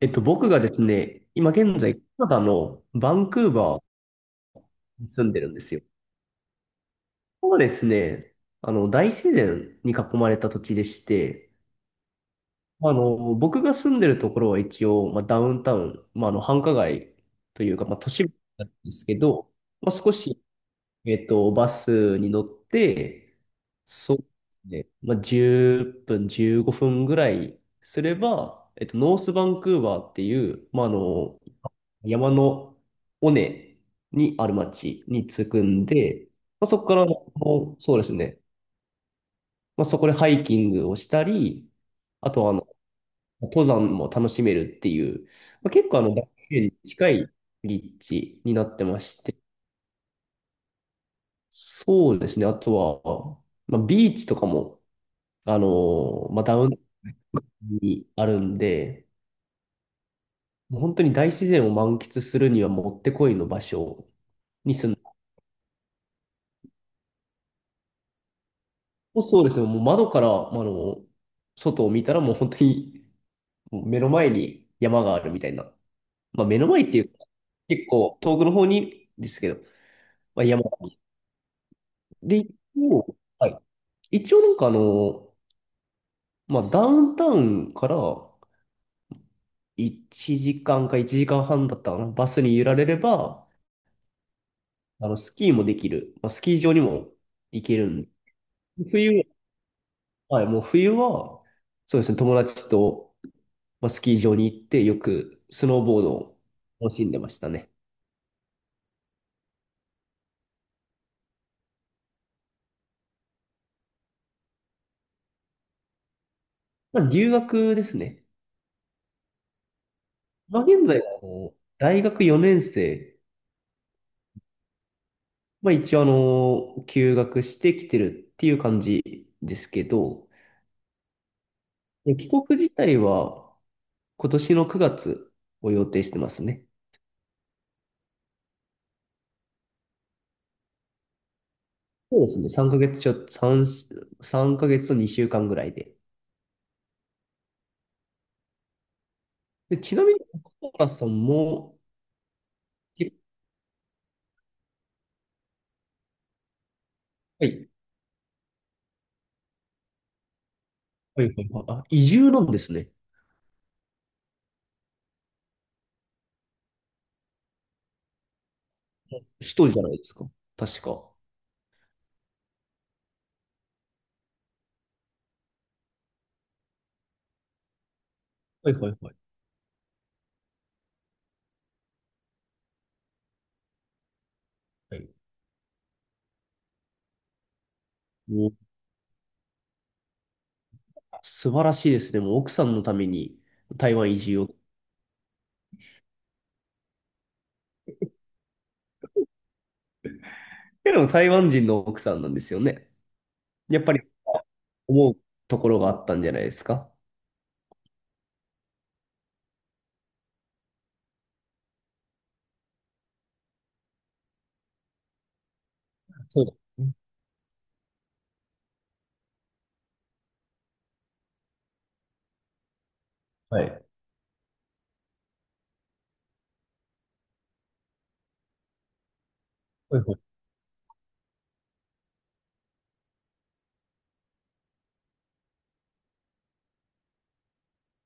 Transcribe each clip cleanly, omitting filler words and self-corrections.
僕がですね、今現在、カナダのバンクーバーに住んでるんですよ。ここはですね、大自然に囲まれた土地でして、僕が住んでるところは一応、まあ、ダウンタウン、まあ、繁華街というか、まあ、都市部なんですけど、まあ、少し、バスに乗って、そうですね、まあ、10分、15分ぐらいすれば、ノースバンクーバーっていう、まあ、山の尾根にある町に着くんで、まあ、そこから、そうですね、まあ、そこでハイキングをしたり、あとは登山も楽しめるっていう、まあ、結構大自然に近い立地になってまして、そうですね、あとは、まあ、ビーチとかも、まあ、ダウンタウンにあるんで、もう本当に大自然を満喫するにはもってこいの場所に住んで、もうそうですね。もう窓から、外を見たらもう本当にもう目の前に山があるみたいな。まあ目の前っていうか、結構遠くの方にですけど、まあ、山。で、一応、はい。一応なんかまあダウンタウンから1時間か1時間半だったかな。バスに揺られれば、スキーもできる。まあ、スキー場にも行けるんで。冬、はい、もう冬は、そうですね、友達と、まあ、スキー場に行ってよくスノーボードを楽しんでましたね。まあ、留学ですね。まあ、現在はあの大学4年生、まあ、一応あの休学してきてるっていう感じですけど、で帰国自体は今年の9月を予定してますね。そうですね、3ヶ月と2週間ぐらいで。で、ちなみに、小原さんも、けはい、はいはいはい、あ、移住なんですね。一人じゃないですか。確か。はいはいはい。はい、もう素晴らしいですね。もう奥さんのために台湾移住を。けど台湾人の奥さんなんですよね。やっぱり思うところがあったんじゃないですか。そうですね。はい。はいはい。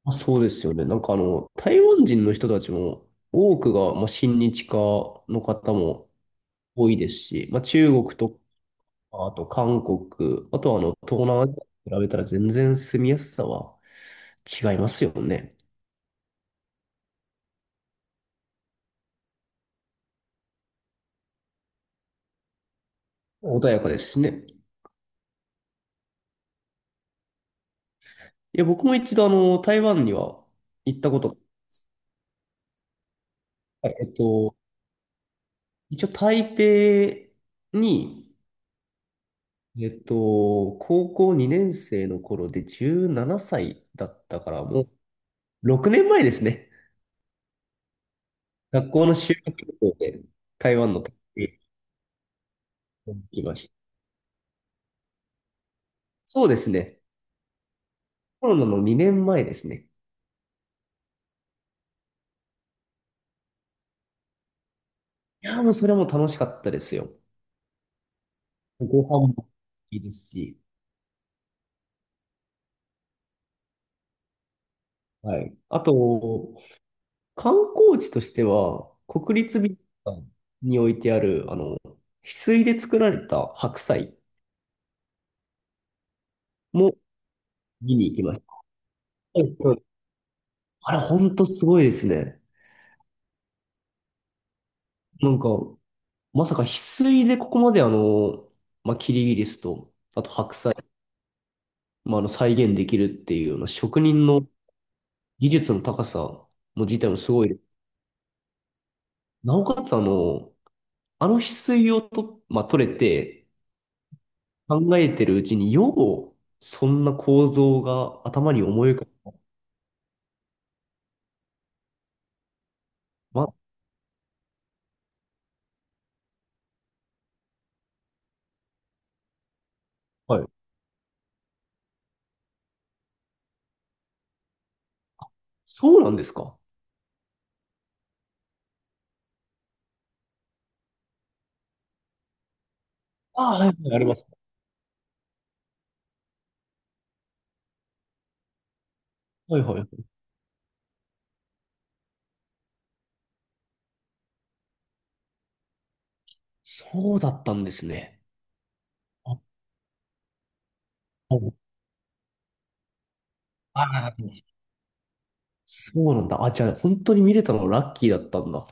あ、そうですよね。なんか台湾人の人たちも多くが、まあ、親日家の方も多いですし、まあ、中国とか、あと韓国、あとは東南アジアと比べたら全然住みやすさは違いますよね。穏やかですしね。いや、僕も一度、台湾には行ったことが、はい一応、台北に、えっと、高校2年生の頃で17歳だったから、もう6年前ですね。学校の修学旅行で台湾の台北に行きました。そうですね。コロナの2年前ですね。いやー、もうそれはもう楽しかったですよ。ご飯もいいですし、はい。あと、観光地としては、国立美術館に置いてある、翡翠で作られた白菜も見に行きました。はいはい、あれ、ほんとすごいですね。なんか、まさか翡翠でここまでまあ、キリギリスと、あと白菜、まあ、再現できるっていうような職人の技術の高さも自体もすごい。なおかつ、あの翡翠をと、まあ、取れて、考えてるうちに、そんな構造が頭に思い浮かぶ。ま、はい。そうなんですか。ああ、はい、はい、あります。はい、はい。そうだったんですね。あ、はい、あー、そうなんだ。あ、じゃあ、本当に見れたのラッキーだったんだ。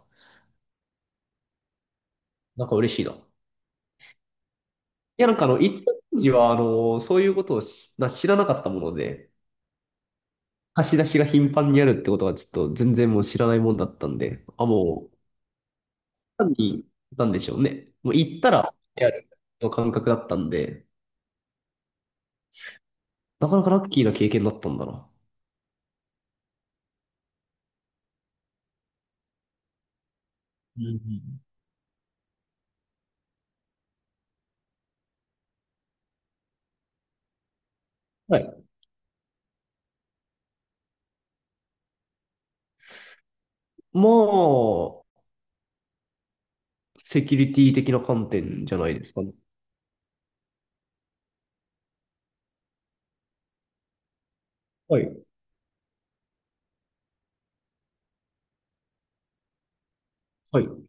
なんか嬉しいな。いや、なんか当時は、そういうことを知らなかったもので、貸し出しが頻繁にあるってことは、ちょっと全然もう知らないもんだったんで、あ、もう、単に、なんでしょうね。もう行ったら、やるの感覚だったんで、なかなかラッキーな経験だったんだな。うんうん、はい。まあ、セキュリティ的な観点じゃないですかね。はい。はい。確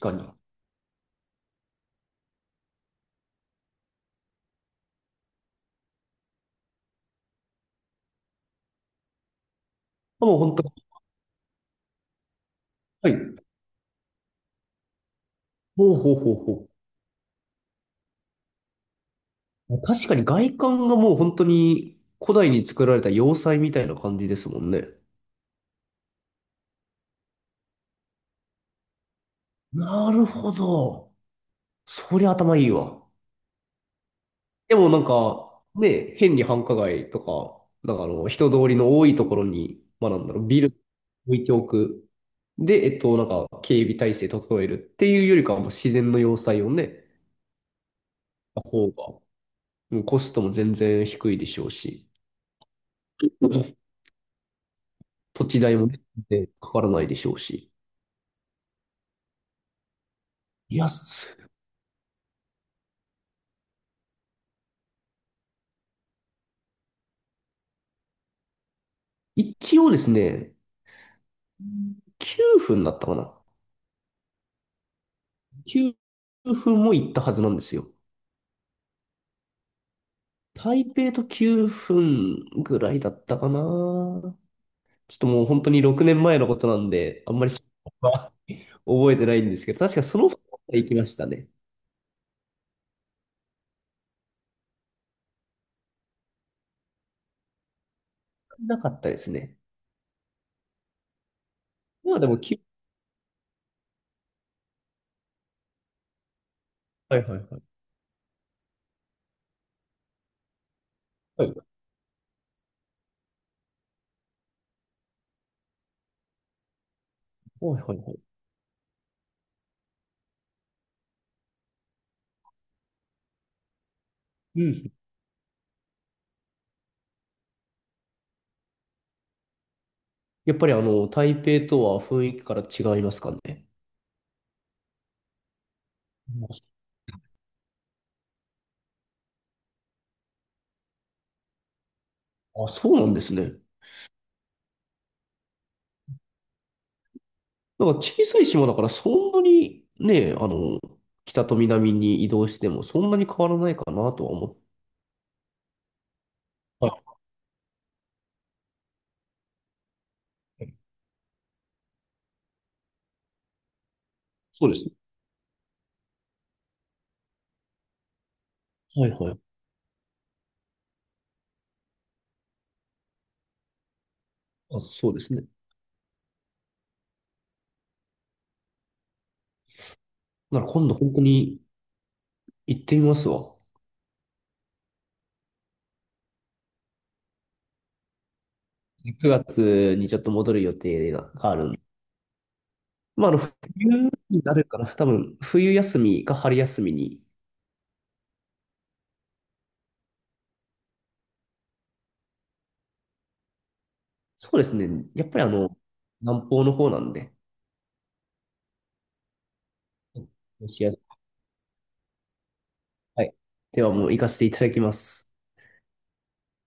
かに。もう本当に、はい。ほうほうほうほう。確かに外観がもう本当に古代に作られた要塞みたいな感じですもんね。なるほど。そりゃ頭いいわ。でもなんか、ね、変に繁華街とか、なんか人通りの多いところに、まあなんだろう、ビル置いておく。で、なんか、警備体制整えるっていうよりかは、もう自然の要塞をね、た方が、うんコストも全然低いでしょうし、土地代もね、全然かからないでしょうし。いや、一応ですね、9分だったかな。9分も行ったはずなんですよ。台北と9分ぐらいだったかな。ちょっともう本当に6年前のことなんで、あんまり 覚えてないんですけど、確かその2日行きましたね。なかったですね。まあでも、はいはいはい。はいはいはいはい。うん。やっぱり台北とは雰囲気から違いますかね。あ、あ、そうなんですね。なんか小さい島だからそんなにね、北と南に移動してもそんなに変わらないかなとは思う。はい。そうですね。はいはい。あ、そうですね。なら今度本当に行ってみますわ。9月にちょっと戻る予定があるんで。まあ、冬になるかな。多分、冬休みか春休みに。そうですね。やっぱり南方の方なんで。ロシア、はい。ではもう行かせていただきます。